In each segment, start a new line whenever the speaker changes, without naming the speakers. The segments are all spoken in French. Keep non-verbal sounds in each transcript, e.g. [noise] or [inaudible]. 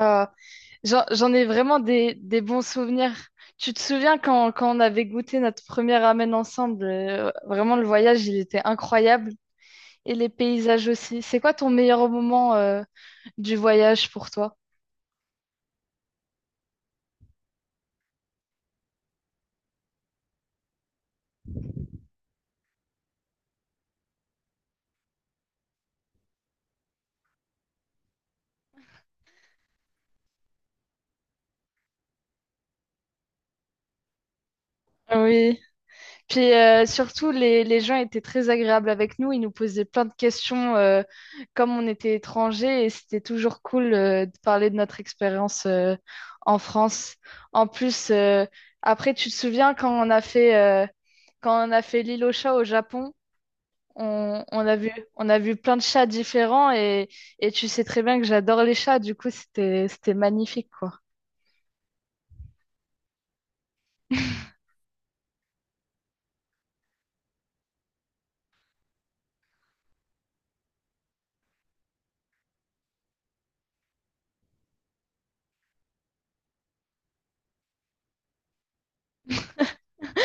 Euh, j'en ai vraiment des bons souvenirs. Tu te souviens quand on avait goûté notre premier ramen ensemble, vraiment le voyage, il était incroyable. Et les paysages aussi. C'est quoi ton meilleur moment, du voyage pour toi? Oui. Puis surtout, les gens étaient très agréables avec nous. Ils nous posaient plein de questions comme on était étrangers et c'était toujours cool de parler de notre expérience en France. En plus, après, tu te souviens quand on a fait, quand on a fait l'île aux chats au Japon, on a vu, on a vu plein de chats différents et tu sais très bien que j'adore les chats. Du coup, c'était magnifique, quoi.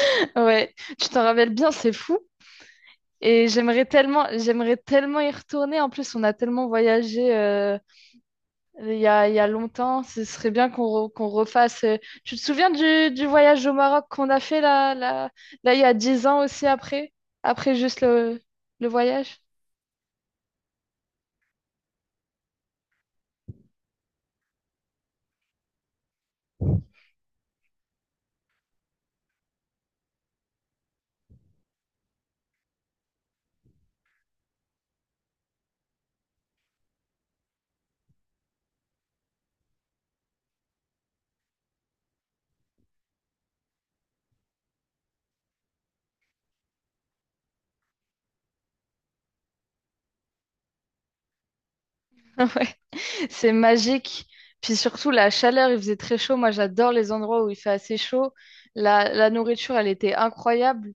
[laughs] Ouais, tu t'en rappelles bien, c'est fou. Et j'aimerais tellement y retourner. En plus, on a tellement voyagé il y a longtemps. Ce serait bien qu'on qu'on refasse. Tu te souviens du voyage au Maroc qu'on a fait là, il y a 10 ans aussi après, après juste le voyage? [laughs] Ouais, c'est magique. Puis surtout, la chaleur, il faisait très chaud. Moi, j'adore les endroits où il fait assez chaud. La nourriture, elle était incroyable.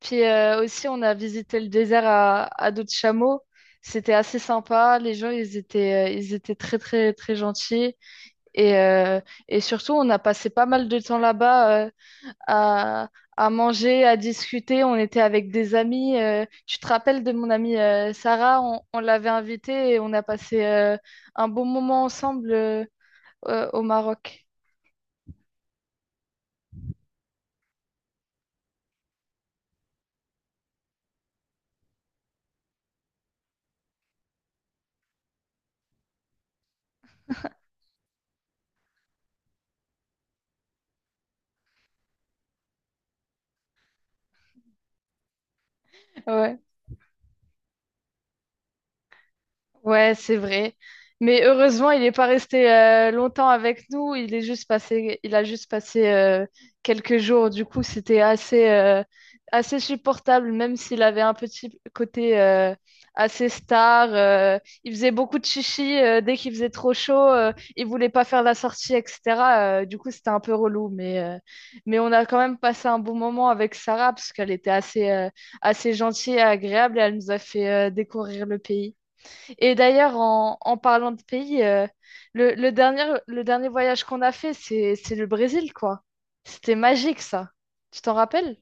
Puis aussi, on a visité le désert à dos de chameau. C'était assez sympa. Les gens, ils étaient très, très, très gentils. Et, euh, et surtout, on a passé pas mal de temps là-bas à, à manger, à discuter. On était avec des amis. Tu te rappelles de mon amie Sarah? On l'avait invitée et on a passé un bon moment ensemble au Maroc. Ouais. Ouais, c'est vrai. Mais heureusement, il n'est pas resté longtemps avec nous. Il a juste passé quelques jours. Du coup, c'était assez supportable, même s'il avait un petit côté assez star. Il faisait beaucoup de chichi dès qu'il faisait trop chaud. Il voulait pas faire la sortie, etc. Du coup, c'était un peu relou. Mais on a quand même passé un bon moment avec Sarah parce qu'elle était assez gentille et agréable et elle nous a fait découvrir le pays. Et d'ailleurs, en parlant de pays, le dernier voyage qu'on a fait, c'est le Brésil, quoi. C'était magique, ça. Tu t'en rappelles?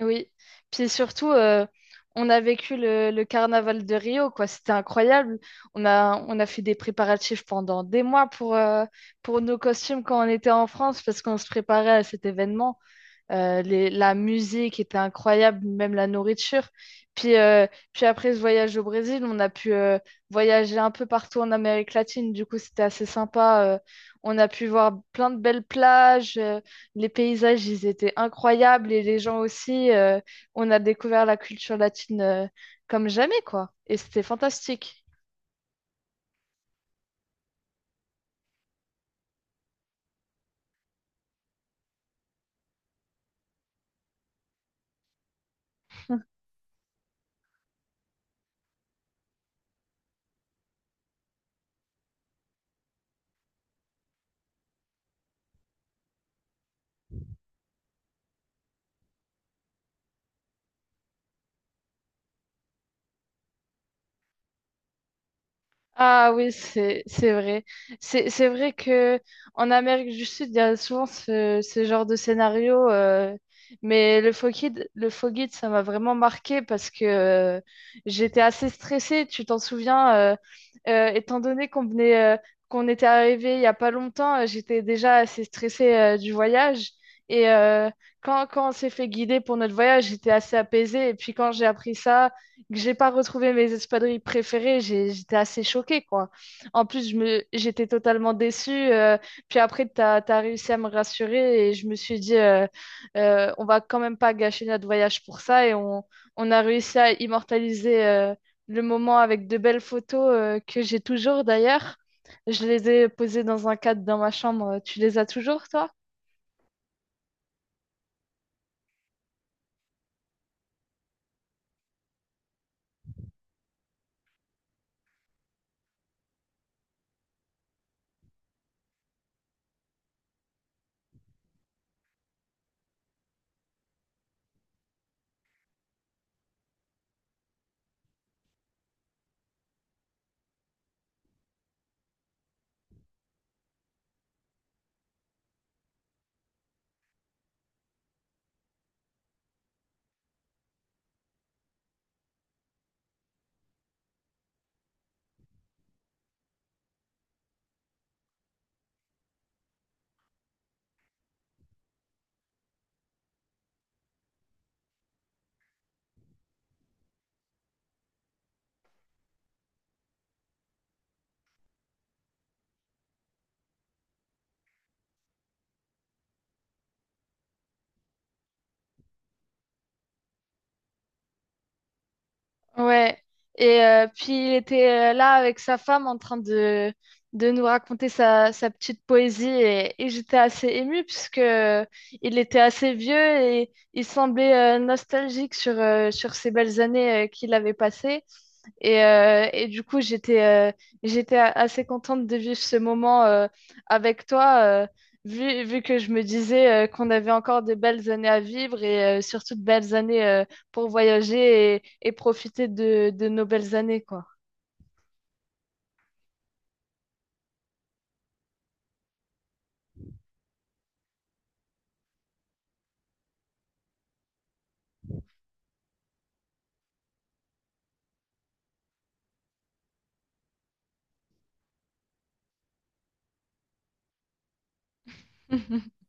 Oui. Puis surtout, on a vécu le carnaval de Rio, quoi. C'était incroyable. On a fait des préparatifs pendant des mois pour nos costumes quand on était en France, parce qu'on se préparait à cet événement. La musique était incroyable, même la nourriture. Puis, euh, Puis après ce voyage au Brésil, on a pu voyager un peu partout en Amérique latine. Du coup, c'était assez sympa. On a pu voir plein de belles plages. Les paysages, ils étaient incroyables et les gens aussi. On a découvert la culture latine comme jamais, quoi. Et c'était fantastique. Ah oui, c'est vrai. C'est vrai que en Amérique du Sud, il y a souvent ce genre de scénario. Mais le faux guide, ça m'a vraiment marqué parce que j'étais assez stressée. Tu t'en souviens, étant donné qu'on venait, qu'on était arrivé il y a pas longtemps, j'étais déjà assez stressée du voyage. Et euh, Quand on s'est fait guider pour notre voyage, j'étais assez apaisée. Et puis quand j'ai appris ça que j'ai pas retrouvé mes espadrilles préférées, j'étais assez choquée, quoi. En plus, j'étais totalement déçue. Puis après, tu as réussi à me rassurer et je me suis dit, on va quand même pas gâcher notre voyage pour ça. On a réussi à immortaliser le moment avec de belles photos que j'ai toujours d'ailleurs. Je les ai posées dans un cadre dans ma chambre. Tu les as toujours, toi? Ouais. Puis il était là avec sa femme en train de nous raconter sa petite poésie et j'étais assez émue puisque il était assez vieux et il semblait nostalgique sur ces belles années qu'il avait passées. Et du coup, j'étais assez contente de vivre ce moment avec toi, vu que je me disais qu'on avait encore de belles années à vivre surtout de belles années pour voyager et profiter de nos belles années, quoi. [laughs]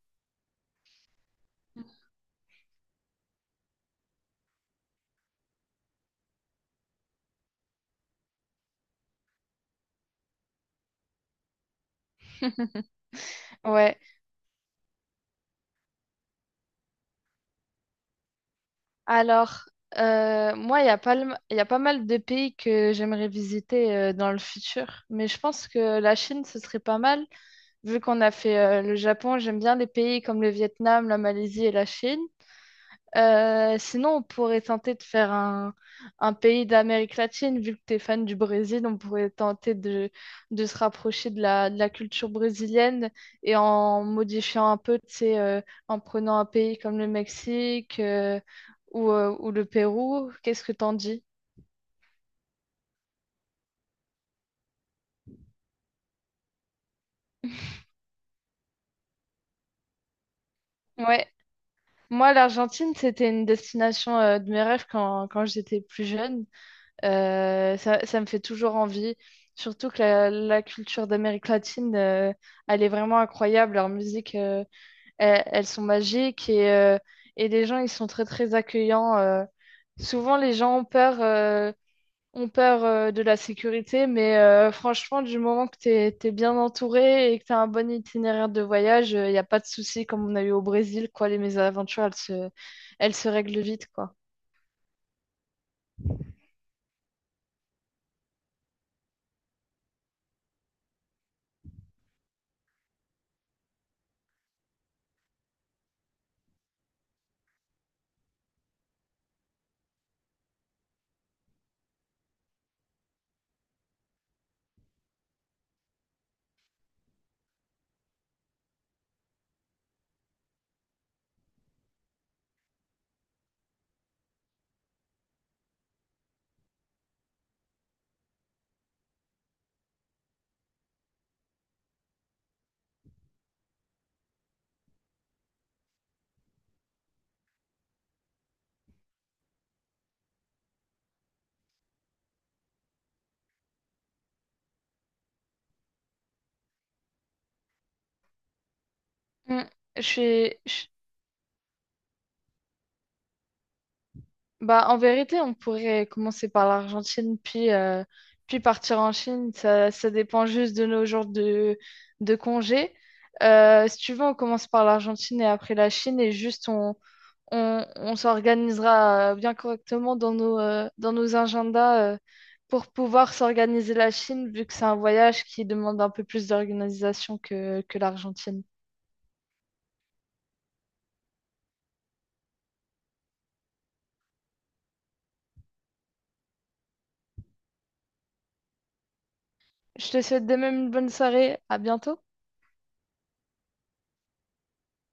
Ouais. Alors, moi, il y a pas mal de pays que j'aimerais visiter dans le futur, mais je pense que la Chine, ce serait pas mal, vu qu'on a fait le Japon. J'aime bien les pays comme le Vietnam, la Malaisie et la Chine. Sinon, on pourrait tenter de faire un pays d'Amérique latine, vu que tu es fan du Brésil, on pourrait tenter de se rapprocher de de la culture brésilienne et en modifiant un peu, tu sais, en prenant un pays comme le Mexique ou le Pérou. Qu'est-ce que t'en dis? Ouais, moi l'Argentine, c'était une destination de mes rêves quand, quand j'étais plus jeune. Ça me fait toujours envie. Surtout que la culture d'Amérique latine, elle est vraiment incroyable. Leur musique, elles sont magiques et les gens, ils sont très, très accueillants. Souvent, les gens ont peur de la sécurité, mais franchement, du moment que t'es bien entouré et que t'as un bon itinéraire de voyage, il n'y a pas de souci comme on a eu au Brésil, quoi. Les mésaventures, elles se règlent vite, quoi. Mm. Je suis, je… Bah, en vérité, on pourrait commencer par l'Argentine, puis partir en Chine. Ça dépend juste de nos jours de congé. Si tu veux, on commence par l'Argentine et après la Chine, et juste on s'organisera bien correctement dans dans nos agendas pour pouvoir s'organiser la Chine, vu que c'est un voyage qui demande un peu plus d'organisation que l'Argentine. Je te souhaite de même une bonne soirée. À bientôt.